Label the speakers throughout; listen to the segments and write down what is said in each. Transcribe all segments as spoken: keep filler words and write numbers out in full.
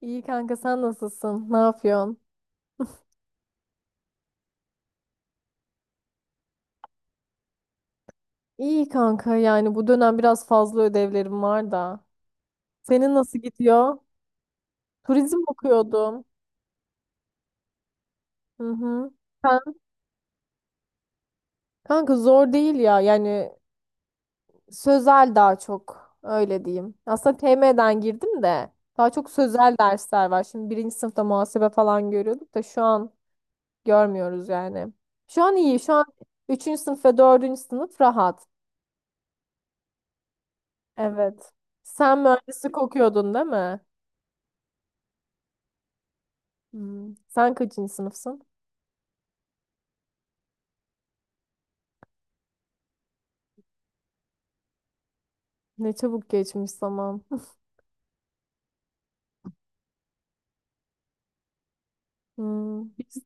Speaker 1: İyi kanka sen nasılsın? Ne yapıyorsun? İyi kanka yani bu dönem biraz fazla ödevlerim var da. Senin nasıl gidiyor? Turizm okuyordum. Hı hı. Sen- Kanka zor değil ya yani sözel daha çok öyle diyeyim. Aslında T M'den girdim de daha çok sözel dersler var. Şimdi birinci sınıfta muhasebe falan görüyorduk da şu an görmüyoruz yani. Şu an iyi şu an üçüncü sınıf ve dördüncü sınıf rahat. Evet. Sen mühendislik okuyordun değil mi? Hmm. Sen kaçıncı sınıfsın? Ne çabuk geçmiş zaman. Hmm. Biz-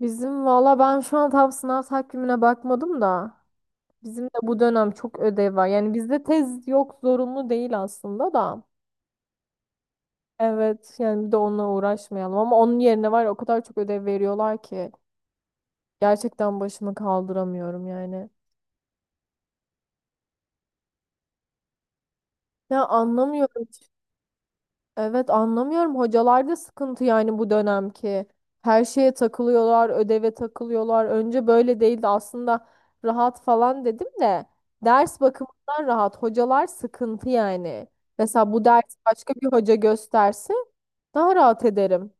Speaker 1: Bizim valla ben şu an tam sınav takvimine bakmadım da bizim de bu dönem çok ödev var. Yani bizde tez yok zorunlu değil aslında da. Evet yani bir de onunla uğraşmayalım ama onun yerine var ya o kadar çok ödev veriyorlar ki gerçekten başımı kaldıramıyorum yani. Ya anlamıyorum. Evet anlamıyorum. Hocalarda sıkıntı yani bu dönemki. Her şeye takılıyorlar, ödeve takılıyorlar. Önce böyle değildi aslında rahat falan dedim de ders bakımından rahat. Hocalar sıkıntı yani. Mesela bu ders başka bir hoca gösterse daha rahat ederim.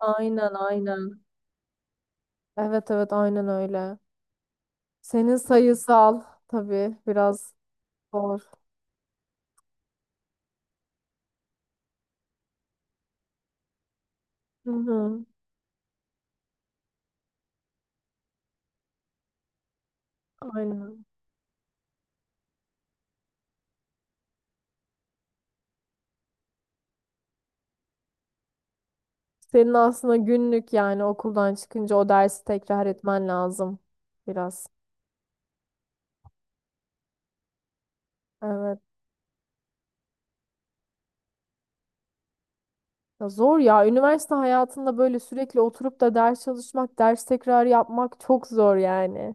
Speaker 1: Aynen aynen. Evet evet aynen öyle. Senin sayısal tabii biraz zor. Hı hı. Aynen. Senin aslında günlük yani okuldan çıkınca o dersi tekrar etmen lazım biraz. Evet. Ya zor ya. Üniversite hayatında böyle sürekli oturup da ders çalışmak, ders tekrar yapmak çok zor yani.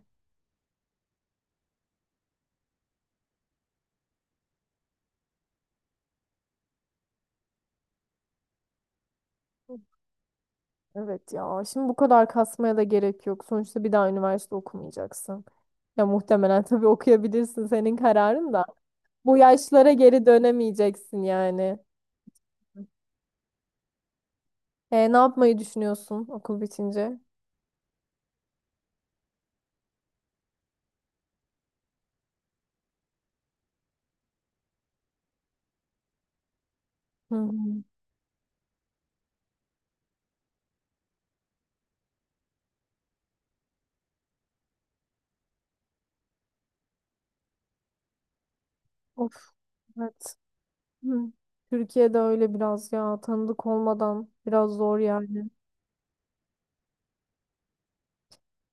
Speaker 1: Evet ya. Şimdi bu kadar kasmaya da gerek yok. Sonuçta bir daha üniversite okumayacaksın. Ya muhtemelen tabii okuyabilirsin senin kararın da. Bu yaşlara geri dönemeyeceksin yani. E, ne yapmayı düşünüyorsun okul bitince? Hı hı. Of, evet. Hı. Türkiye'de öyle biraz ya tanıdık olmadan biraz zor yani.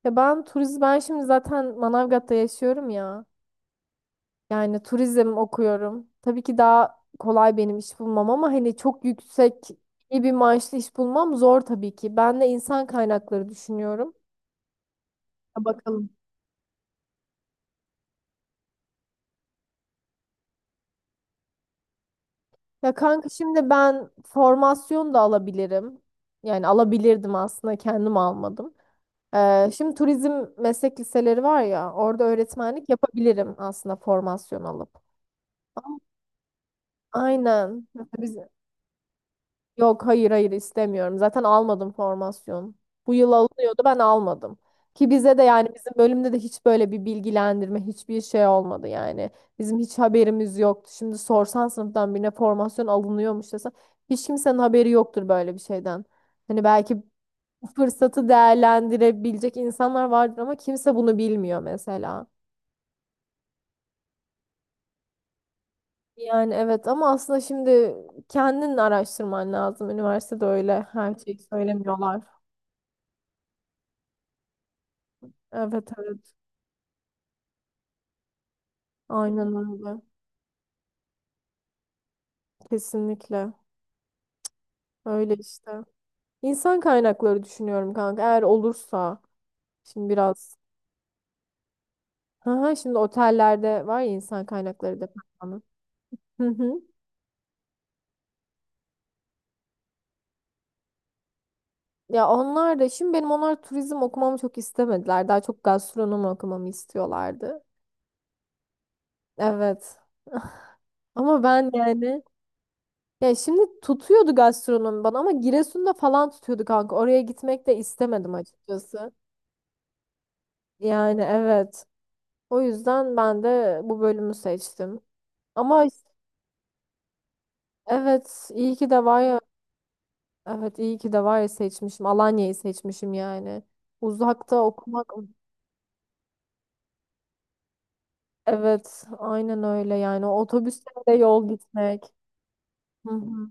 Speaker 1: Ya ben turizm ben şimdi zaten Manavgat'ta yaşıyorum ya. Yani turizm okuyorum. Tabii ki daha kolay benim iş bulmam ama hani çok yüksek iyi bir maaşlı iş bulmam zor tabii ki. Ben de insan kaynakları düşünüyorum. Ha, bakalım. Ya kanka şimdi ben formasyon da alabilirim. Yani alabilirdim aslında kendim almadım. Ee, şimdi turizm meslek liseleri var ya orada öğretmenlik yapabilirim aslında formasyon alıp. Aynen. Mesela Biz yok, hayır hayır istemiyorum. Zaten almadım formasyon. Bu yıl alınıyordu ben almadım. Ki bize de yani bizim bölümde de hiç böyle bir bilgilendirme hiçbir şey olmadı yani. Bizim hiç haberimiz yoktu. Şimdi sorsan sınıftan birine formasyon alınıyormuş desen hiç kimsenin haberi yoktur böyle bir şeyden. Hani belki bu fırsatı değerlendirebilecek insanlar vardır ama kimse bunu bilmiyor mesela. Yani evet ama aslında şimdi kendin araştırman lazım. Üniversitede öyle her şeyi söylemiyorlar. Evet evet. Aynen öyle. Kesinlikle. Öyle işte. İnsan kaynakları düşünüyorum kanka. Eğer olursa şimdi biraz. Hı hı, şimdi otellerde var ya insan kaynakları departmanı. Hı hı. Ya onlar da şimdi benim onlar turizm okumamı çok istemediler. Daha çok gastronomi okumamı istiyorlardı. Evet. Ama ben yani ya şimdi tutuyordu gastronomi bana ama Giresun'da falan tutuyordu kanka. Oraya gitmek de istemedim açıkçası. Yani evet. O yüzden ben de bu bölümü seçtim. Ama is- evet iyi ki de var ya evet iyi ki de var ya seçmişim. Alanya'yı seçmişim yani. Uzakta okumak evet aynen öyle yani o otobüsle de yol gitmek. Hı hı.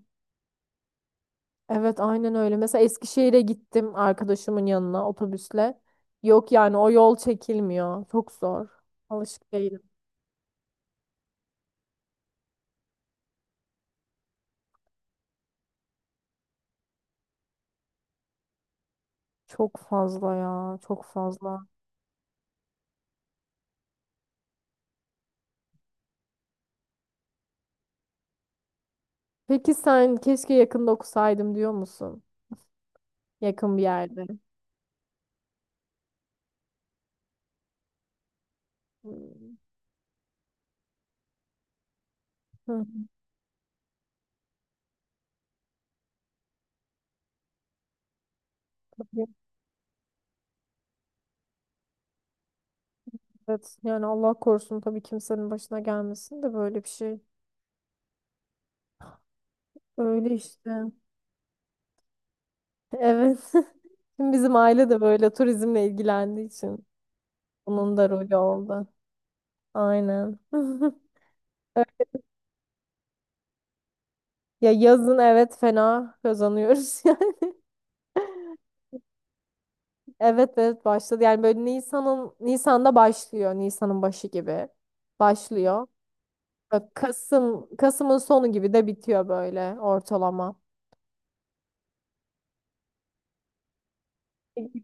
Speaker 1: Evet aynen öyle. Mesela Eskişehir'e gittim arkadaşımın yanına otobüsle. Yok yani o yol çekilmiyor. Çok zor. Alışık değilim. Çok fazla ya, çok fazla. Peki sen keşke yakında okusaydım diyor musun? Yakın bir yerde. Hmm. Hı. Evet yani Allah korusun tabii kimsenin başına gelmesin de böyle bir şey. Öyle işte. Evet. Şimdi bizim aile de böyle turizmle ilgilendiği için bunun da rolü oldu. Aynen. Ya yazın evet fena kazanıyoruz yani. Evet evet başladı. Yani böyle Nisan'ın Nisan'da başlıyor. Nisan'ın başı gibi başlıyor. Böyle Kasım Kasım'ın sonu gibi de bitiyor böyle ortalama. E,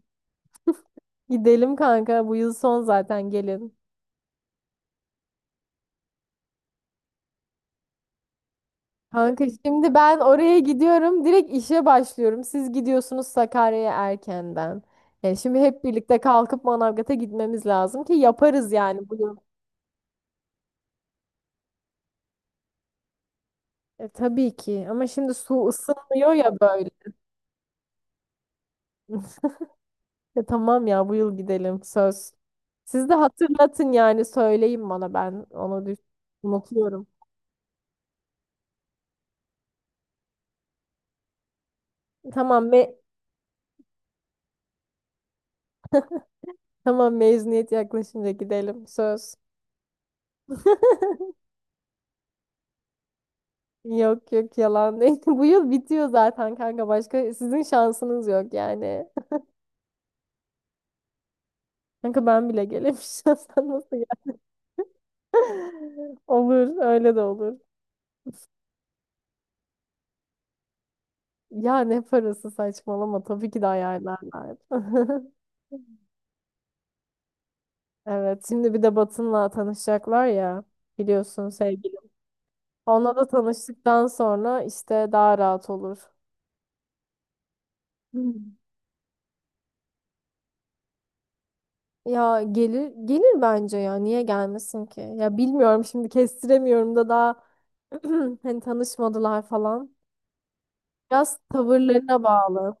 Speaker 1: Gidelim kanka bu yıl son zaten gelin. Kanka şimdi ben oraya gidiyorum. Direkt işe başlıyorum. Siz gidiyorsunuz Sakarya'ya erkenden. Yani şimdi hep birlikte kalkıp Manavgat'a gitmemiz lazım ki yaparız yani bu yıl. E, tabii ki ama şimdi su ısınmıyor ya böyle. E, tamam ya bu yıl gidelim söz. Siz de hatırlatın yani söyleyin bana ben onu düş- unutuyorum. Tamam me tamam mezuniyet yaklaşınca gidelim söz. Yok yok yalan değil. Bu yıl bitiyor zaten kanka. Başka sizin şansınız yok yani. Kanka ben bile gelemişim. Sen nasıl ya? Olur öyle de olur. Ya ne parası saçmalama. Tabii ki de ayarlarlar. Evet şimdi bir de Batın'la tanışacaklar ya. Biliyorsun sevgilim. Onunla da tanıştıktan sonra işte daha rahat olur. Ya gelir gelir bence ya. Niye gelmesin ki? Ya bilmiyorum şimdi kestiremiyorum da daha hani tanışmadılar falan. Biraz tavırlarına bağlı.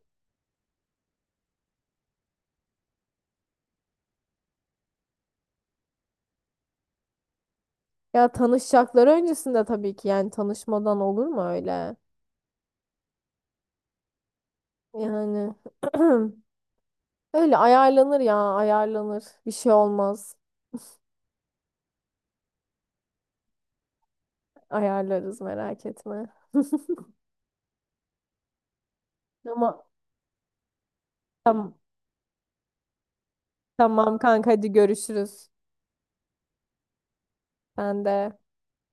Speaker 1: Ya tanışacakları öncesinde tabii ki yani tanışmadan olur mu öyle? Yani öyle ayarlanır ya ayarlanır. Bir şey olmaz. Ayarlarız merak etme. Ama tamam, tamam kanka hadi görüşürüz. Ben de.